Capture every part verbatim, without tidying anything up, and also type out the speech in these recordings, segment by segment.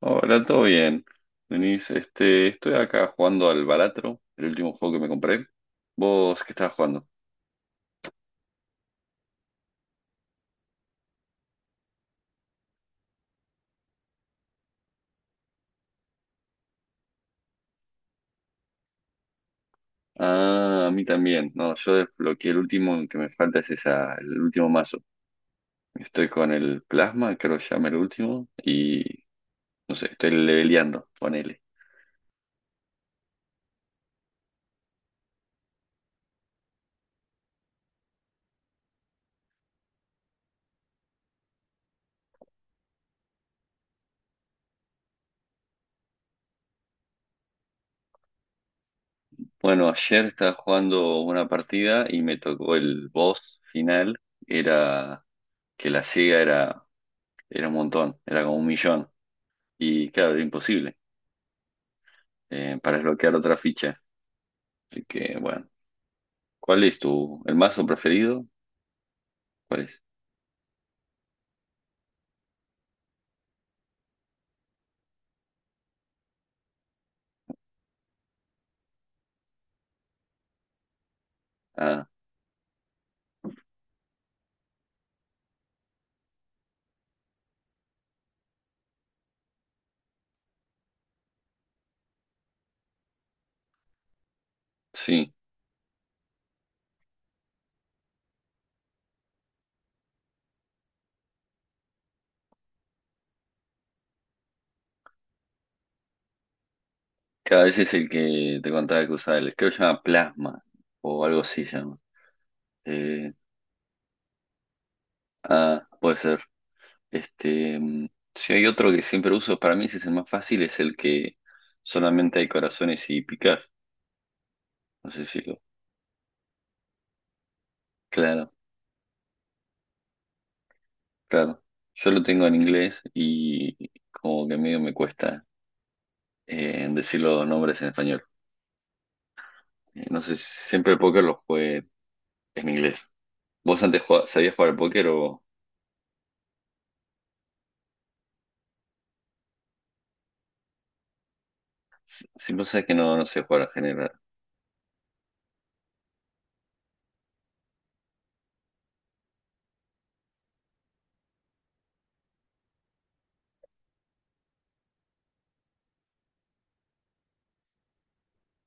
Hola, todo bien. Denise, este, estoy acá jugando al Balatro, el último juego que me compré. ¿Vos qué estabas jugando? Ah, a mí también. No, yo desbloqueé el último que me falta es esa, el último mazo. Estoy con el plasma, creo que se llama el último, y no sé, estoy leveleando, ponele. Bueno, ayer estaba jugando una partida y me tocó el boss final. Era que la ciega era, era un montón, era como un millón. Y claro, era imposible eh, para desbloquear otra ficha. Así que, bueno, ¿cuál es tu, el mazo preferido? ¿Cuál es? Ah, sí, cada vez es el que te contaba que usaba, el, creo que se llama Plasma, o algo así se llama. Eh, ah, puede ser. Este, mm, si hay otro que siempre uso, para mí ese es el más fácil, es el que solamente hay corazones y picar. No sé si lo. Claro, claro. Yo lo tengo en inglés y como que medio me cuesta eh, decir los nombres en español. Eh, No sé, siempre el póker lo jugué en inglés. ¿Vos antes jugabas- sabías jugar al póker o si si vos que no, no sé jugar en general,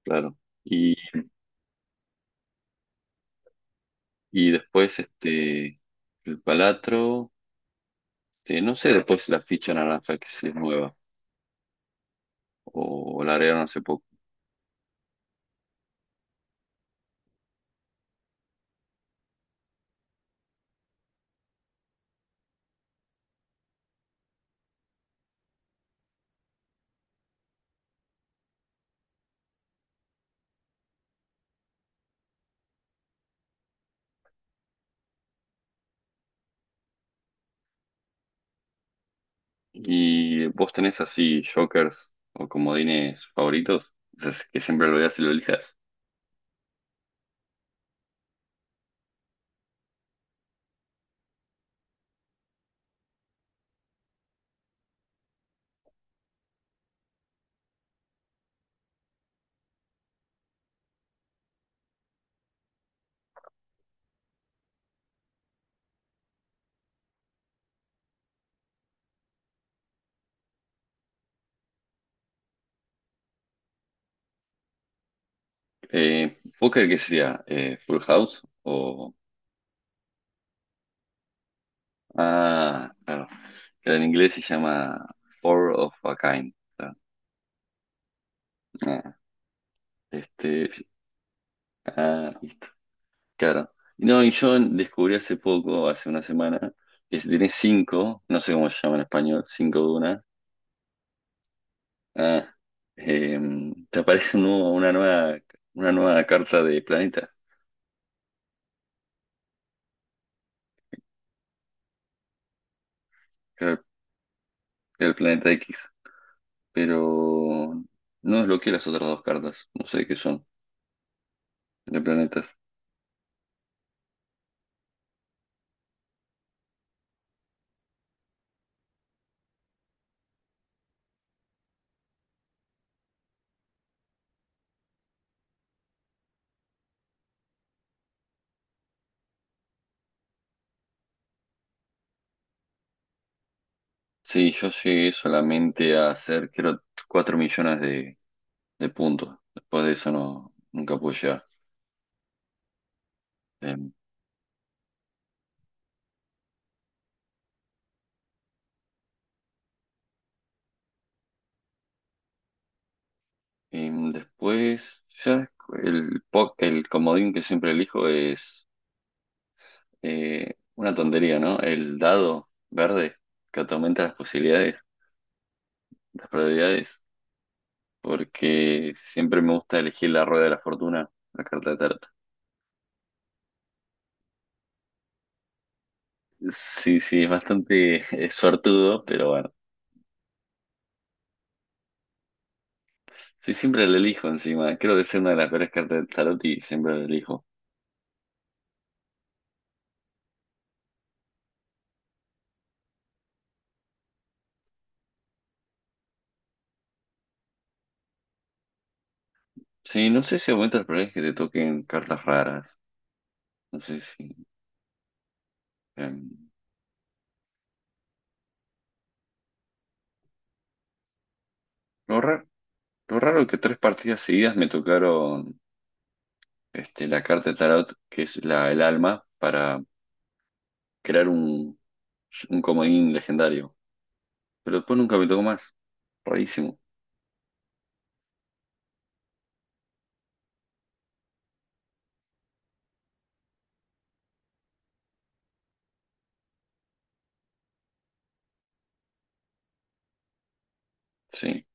claro. Y, y después este el palatro, eh, no sé, después la ficha naranja que sí es nueva, o la agregaron hace poco. ¿Y vos tenés así jokers o comodines favoritos? O sea, que siempre lo veas y lo elijas. Eh, ¿póker qué sería? Eh, ¿Full House? O. Ah, claro. Que en inglés se llama Four of a Kind. Claro. Ah, este, ah, Claro. No, y yo descubrí hace poco, hace una semana, que si tenés cinco, no sé cómo se llama en español, cinco de una, ah, em, te aparece un nuevo- una nueva, una nueva carta de planeta, el, el planeta X, pero no desbloqueé las otras dos cartas, no sé qué son, de planetas. Sí, yo llegué solamente a hacer, creo, cuatro millones de, de puntos. Después de eso no, nunca pude llegar. em, Em, después, ya el, po- el comodín que siempre elijo es eh, una tontería, ¿no? El dado verde que te aumenta las posibilidades, las probabilidades, porque siempre me gusta elegir la rueda de la fortuna, la carta de tarot. Sí, sí, es bastante eh, suertudo, pero bueno. Sí, siempre la elijo encima. Creo que es una de las peores cartas de tarot y siempre la elijo. Sí, no sé si aumenta las probabilidades que te toquen cartas raras. No sé si... em, no, ra- Lo raro que tres partidas seguidas me tocaron este, la carta de tarot, que es la, el alma, para crear un, un comodín legendario. Pero después nunca me tocó más. Rarísimo. Sí.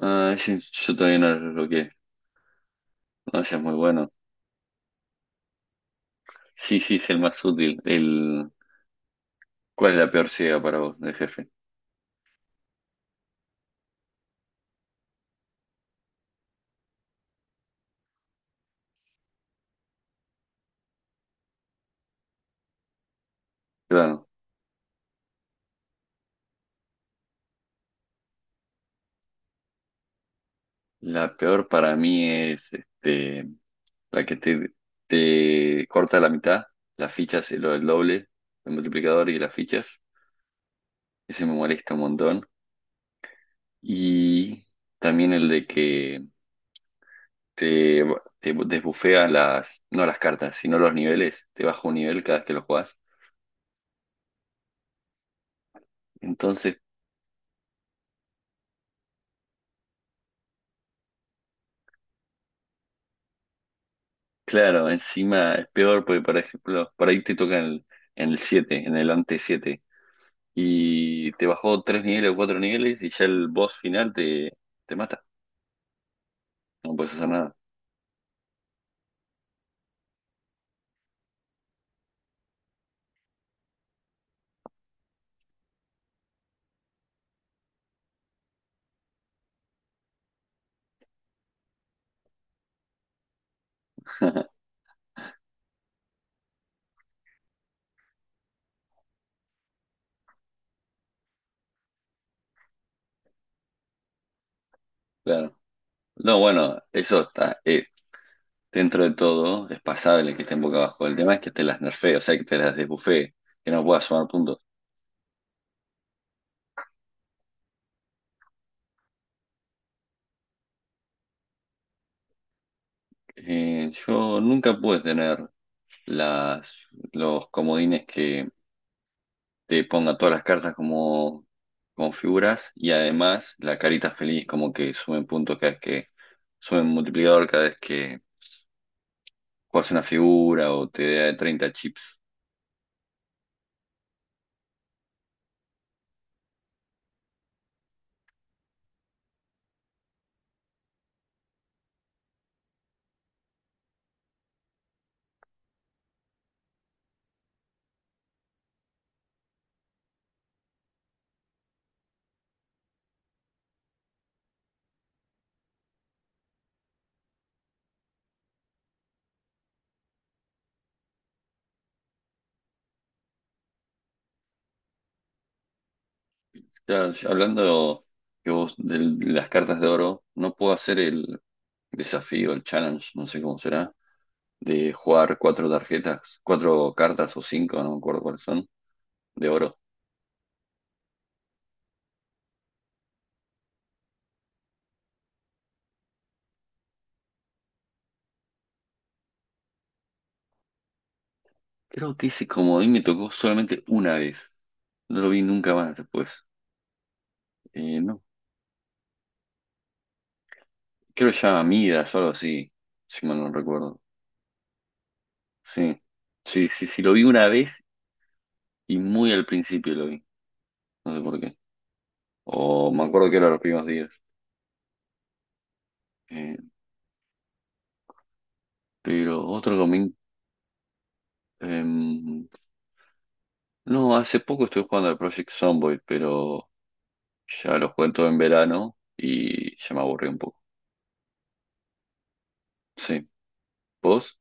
Ah, ese yo todavía no lo bloqueé. No, ese es muy bueno. Sí, sí, es el más útil. El... ¿Cuál es la peor ciega para vos, de jefe? Claro. La peor para mí es este, la que te, te corta la mitad, las fichas, lo del doble, el multiplicador y las fichas. Ese me molesta un montón. Y también el de que te, te desbufea las, no las cartas, sino los niveles. Te baja un nivel cada vez que lo jugás. Entonces, claro, encima es peor porque, por ejemplo, por ahí te toca en el, en el siete, en el ante siete. Y te bajó tres niveles o cuatro niveles y ya el boss final te, te mata. No puedes hacer nada. Claro. No, bueno, eso está. Eh, dentro de todo, es pasable que estén boca abajo. El tema es que te las nerfee, o sea, que te las desbufee, que no puedas sumar puntos. Eh, yo nunca pude tener las, los comodines que te ponga todas las cartas como, como figuras y además la carita feliz como que suben puntos cada vez que suben multiplicador cada vez que juegas una figura o te da treinta chips. Ya, ya hablando que vos de las cartas de oro, no puedo hacer el desafío, el challenge, no sé cómo será, de jugar cuatro tarjetas, cuatro cartas o cinco, no me acuerdo cuáles son, de oro. Creo que ese comodín me tocó solamente una vez. No lo vi nunca más después. Eh, no, creo que se llama Midas o algo así, si mal no recuerdo. Sí, sí, sí, sí, lo vi una vez y muy al principio lo vi. No sé por qué. O me acuerdo que era los primeros días. Eh, pero otro comodín. em, no, hace poco estuve jugando al Project Zomboid, pero ya lo jugué todo en verano y ya me aburrí un poco. Sí. ¿Vos?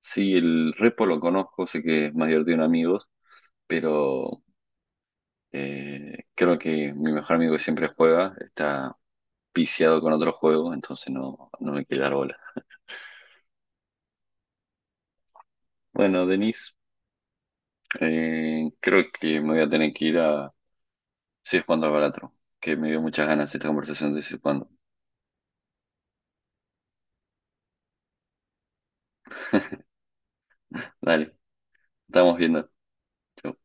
Sí, el repo lo conozco, sé que es mayor de un amigo, pero eh, creo que mi mejor amigo que siempre juega está viciado con otro juego, entonces no, no me quiere dar bola. Bueno, Denise, eh, creo que me voy a tener que ir a seguir jugando al Balatro, que me dio muchas ganas esta conversación de seguir jugando. Dale, estamos viendo. Chau.